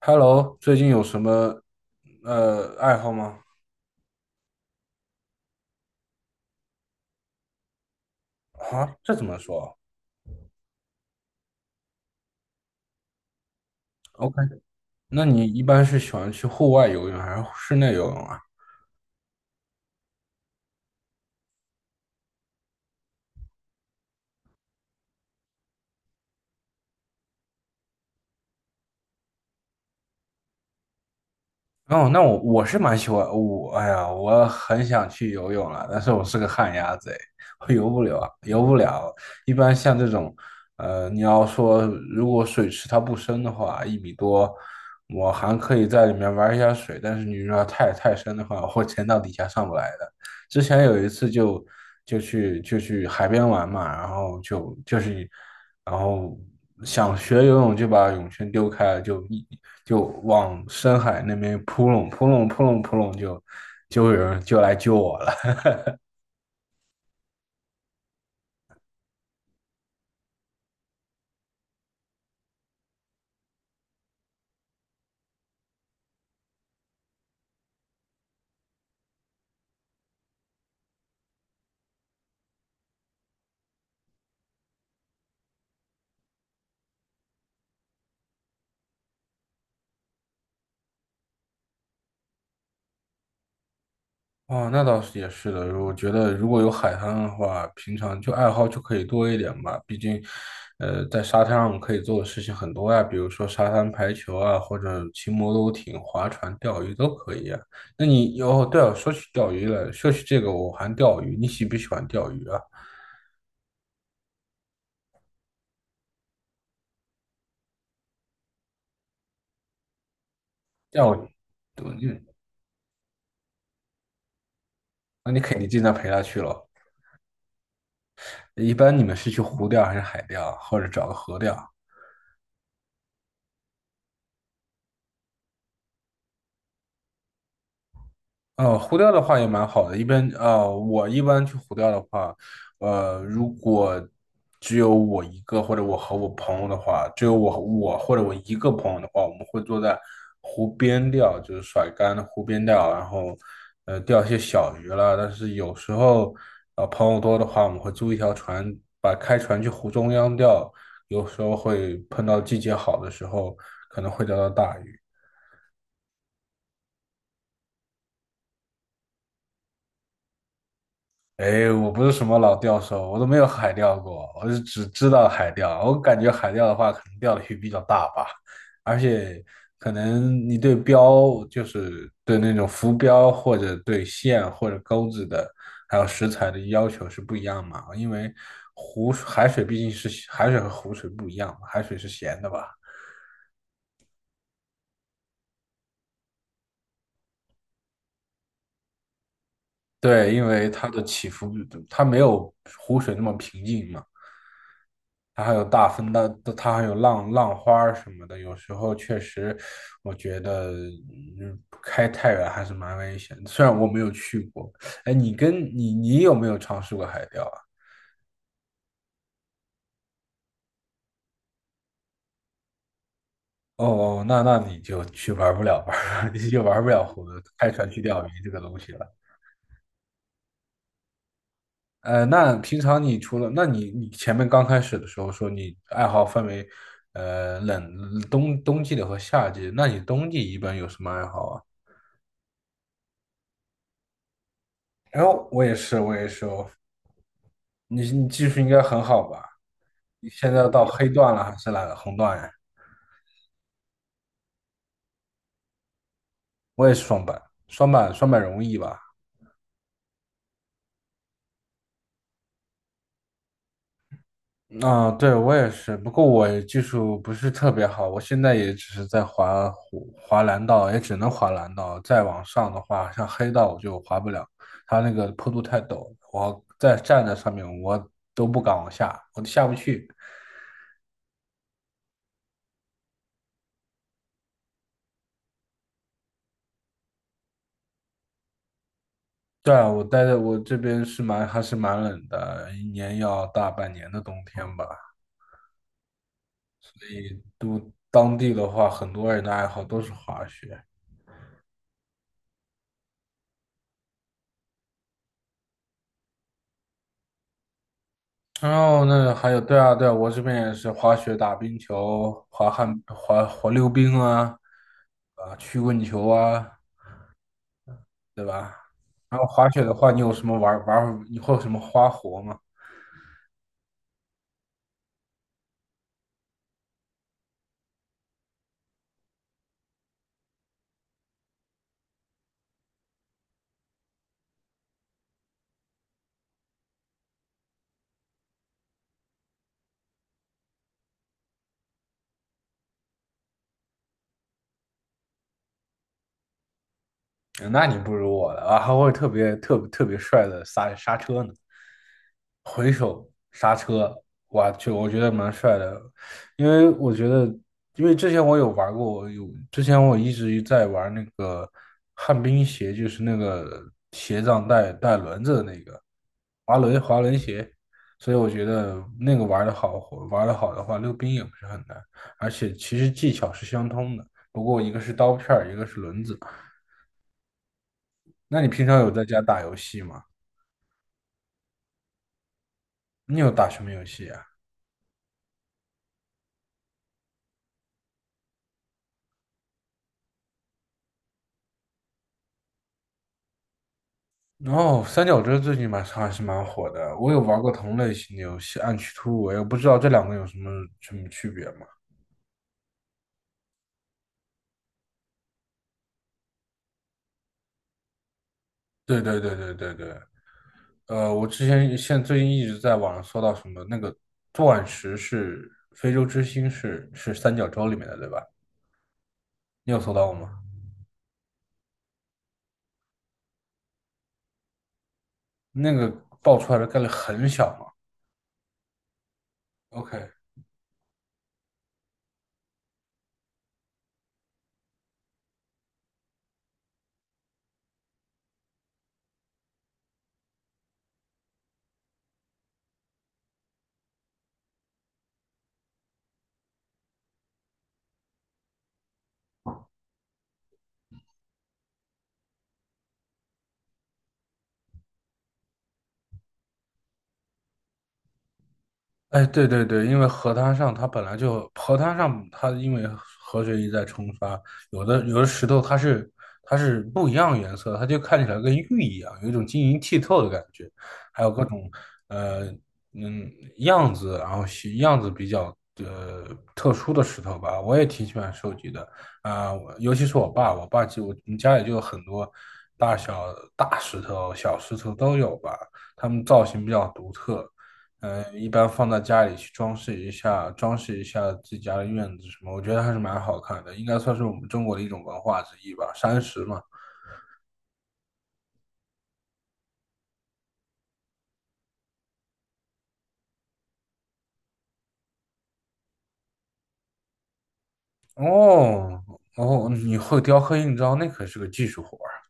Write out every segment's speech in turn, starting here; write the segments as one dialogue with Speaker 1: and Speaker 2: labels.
Speaker 1: Hello，最近有什么爱好吗？啊，这怎么说？OK，那你一般是喜欢去户外游泳还是室内游泳啊？哦，那我是蛮喜欢我，哎呀，我很想去游泳了，但是我是个旱鸭子，哎，我游不了。一般像这种，你要说如果水池它不深的话，一米多，我还可以在里面玩一下水，但是你如果太深的话，我会潜到底下上不来的。之前有一次就去海边玩嘛，然后想学游泳就把泳圈丢开，就往深海那边扑棱扑棱扑棱扑棱，就有人就来救我了。哦，那倒是也是的。我觉得如果有海滩的话，平常就爱好就可以多一点吧。毕竟，在沙滩上可以做的事情很多呀，比如说沙滩排球啊，或者骑摩托艇、划船、钓鱼都可以啊。那你哦，对了，说起钓鱼了，说起这个，我还钓鱼，你喜不喜欢钓鱼啊？钓那你肯定经常陪他去了。一般你们是去湖钓还是海钓，或者找个河钓？湖钓的话也蛮好的。一般我一般去湖钓的话，如果只有我一个，或者我和我朋友的话，只有我和我或者我一个朋友的话，我们会坐在湖边钓，就是甩竿的湖边钓，然后钓一些小鱼啦。但是有时候朋友多的话，我们会租一条船，把开船去湖中央钓。有时候会碰到季节好的时候，可能会钓到大鱼。哎，我不是什么老钓手，我都没有海钓过，我就只知道海钓。我感觉海钓的话，可能钓的鱼比较大吧，而且可能你对标，就是对那种浮标或者对线或者钩子的，还有食材的要求是不一样嘛。因为湖海水毕竟是海水和湖水不一样嘛，海水是咸的吧？对，因为它的起伏，它没有湖水那么平静嘛。它还有大风的，它还有浪花儿什么的。有时候确实，我觉得开太远还是蛮危险的，虽然我没有去过，哎，你跟你你有没有尝试过海钓啊？哦，哦，那那你就去玩不了玩儿，你就玩不了湖开船去钓鱼这个东西了。那平常你除了，那你你前面刚开始的时候说你爱好分为，冬季的和夏季，那你冬季一般有什么爱好啊？然后我也是，你你技术应该很好吧？你现在到黑段了还是哪个红段呀？我也是双板，双板容易吧？啊，对，我也是，不过我技术不是特别好，我现在也只是在滑蓝道，也只能滑蓝道。再往上的话，像黑道我就滑不了，它那个坡度太陡，我站在上面我都不敢往下，我都下不去。对啊，我待在我这边是蛮还是蛮冷的，一年要大半年的冬天吧。都当地的话，很多人的爱好都是滑雪。然后那还有，对啊，对啊，我这边也是滑雪、打冰球、滑旱、滑滑溜冰啊，啊，曲棍球啊，对吧？然后滑雪的话，你有什么玩玩？你会有什么花活吗？那你不如我了啊，还会特别帅的刹车呢，回手刹车，哇，就我觉得蛮帅的，因为我觉得，因为之前我有玩过，我有之前我一直在玩那个旱冰鞋，就是那个鞋上带轮子的那个滑轮鞋，所以我觉得那个玩的好，玩的好的话，溜冰也不是很难，而且其实技巧是相通的，不过一个是刀片儿，一个是轮子。那你平常有在家打游戏吗？你有打什么游戏啊？哦，三角洲最近蛮还是蛮火的，我有玩过同类型的游戏《暗区突围》，我不知道这两个有什么区别吗？对对对对对对，呃，我之前现最近一直在网上搜到什么那个钻石是非洲之星，是三角洲里面的对吧？你有搜到过吗？那个爆出来的概率很小嘛？OK，哎，对对对，因为河滩上它因为河水一再冲刷，有的石头它是不一样颜色，它就看起来跟玉一样，有一种晶莹剔透的感觉。呃，嗯，样子，然后形样子比较特殊的石头吧，我也挺喜欢收集的啊，我尤其是我爸，我爸就我们家里就有很多大石头、小石头都有吧，它们造型比较独特，一般放在家里去装饰一下，装饰一下自己家的院子什么，我觉得还是蛮好看的，应该算是我们中国的一种文化之一吧，山石嘛。哦哦，你会雕刻印章，那可是个技术活儿。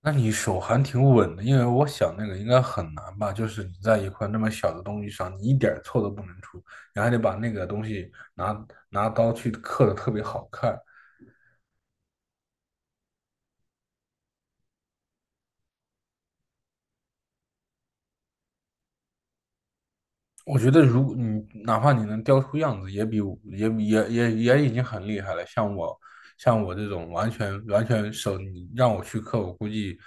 Speaker 1: 那你手还挺稳的，因为我想那个应该很难吧，就是你在一块那么小的东西上，你一点儿错都不能出，你还得把那个东西拿刀去刻的特别好看。我觉得如果你哪怕你能雕出样子，也比我也比也也也已经很厉害了。像我像我这种完全手，你让我去刻，我估计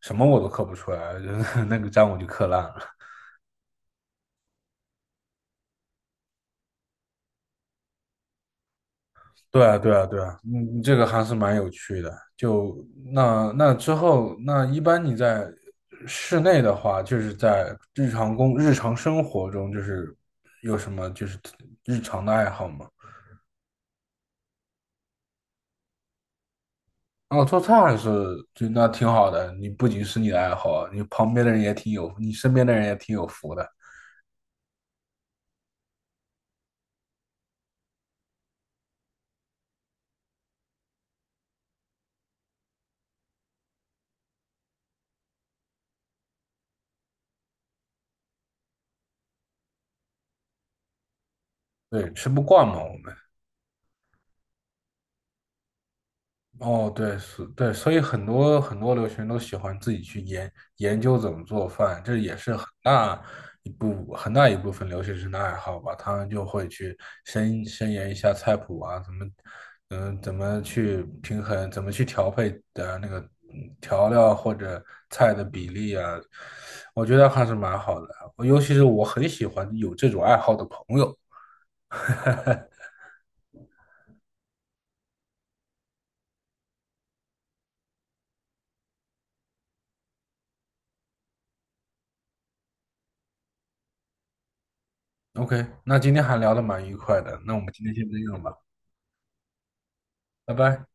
Speaker 1: 什么我都刻不出来，就是那个章我就刻烂了。对啊，对啊，对啊，嗯，这个还是蛮有趣的。那那之后，那一般你在室内的话，就是在日常生活中，就是有什么就是日常的爱好吗？哦，做菜还是就那挺好的。你不仅是你的爱好啊，你身边的人也挺有福的。对，吃不惯嘛，我们。哦，对，是，对，所以很多留学生都喜欢自己去研究怎么做饭，这也是很大一部分留学生的爱好吧。他们就会去深研一下菜谱啊，怎么，嗯，怎么去平衡，怎么去调配的那个调料或者菜的比例啊，我觉得还是蛮好的。尤其是我很喜欢有这种爱好的朋友。OK，那今天还聊的蛮愉快的，那我们今天先这样吧，拜拜。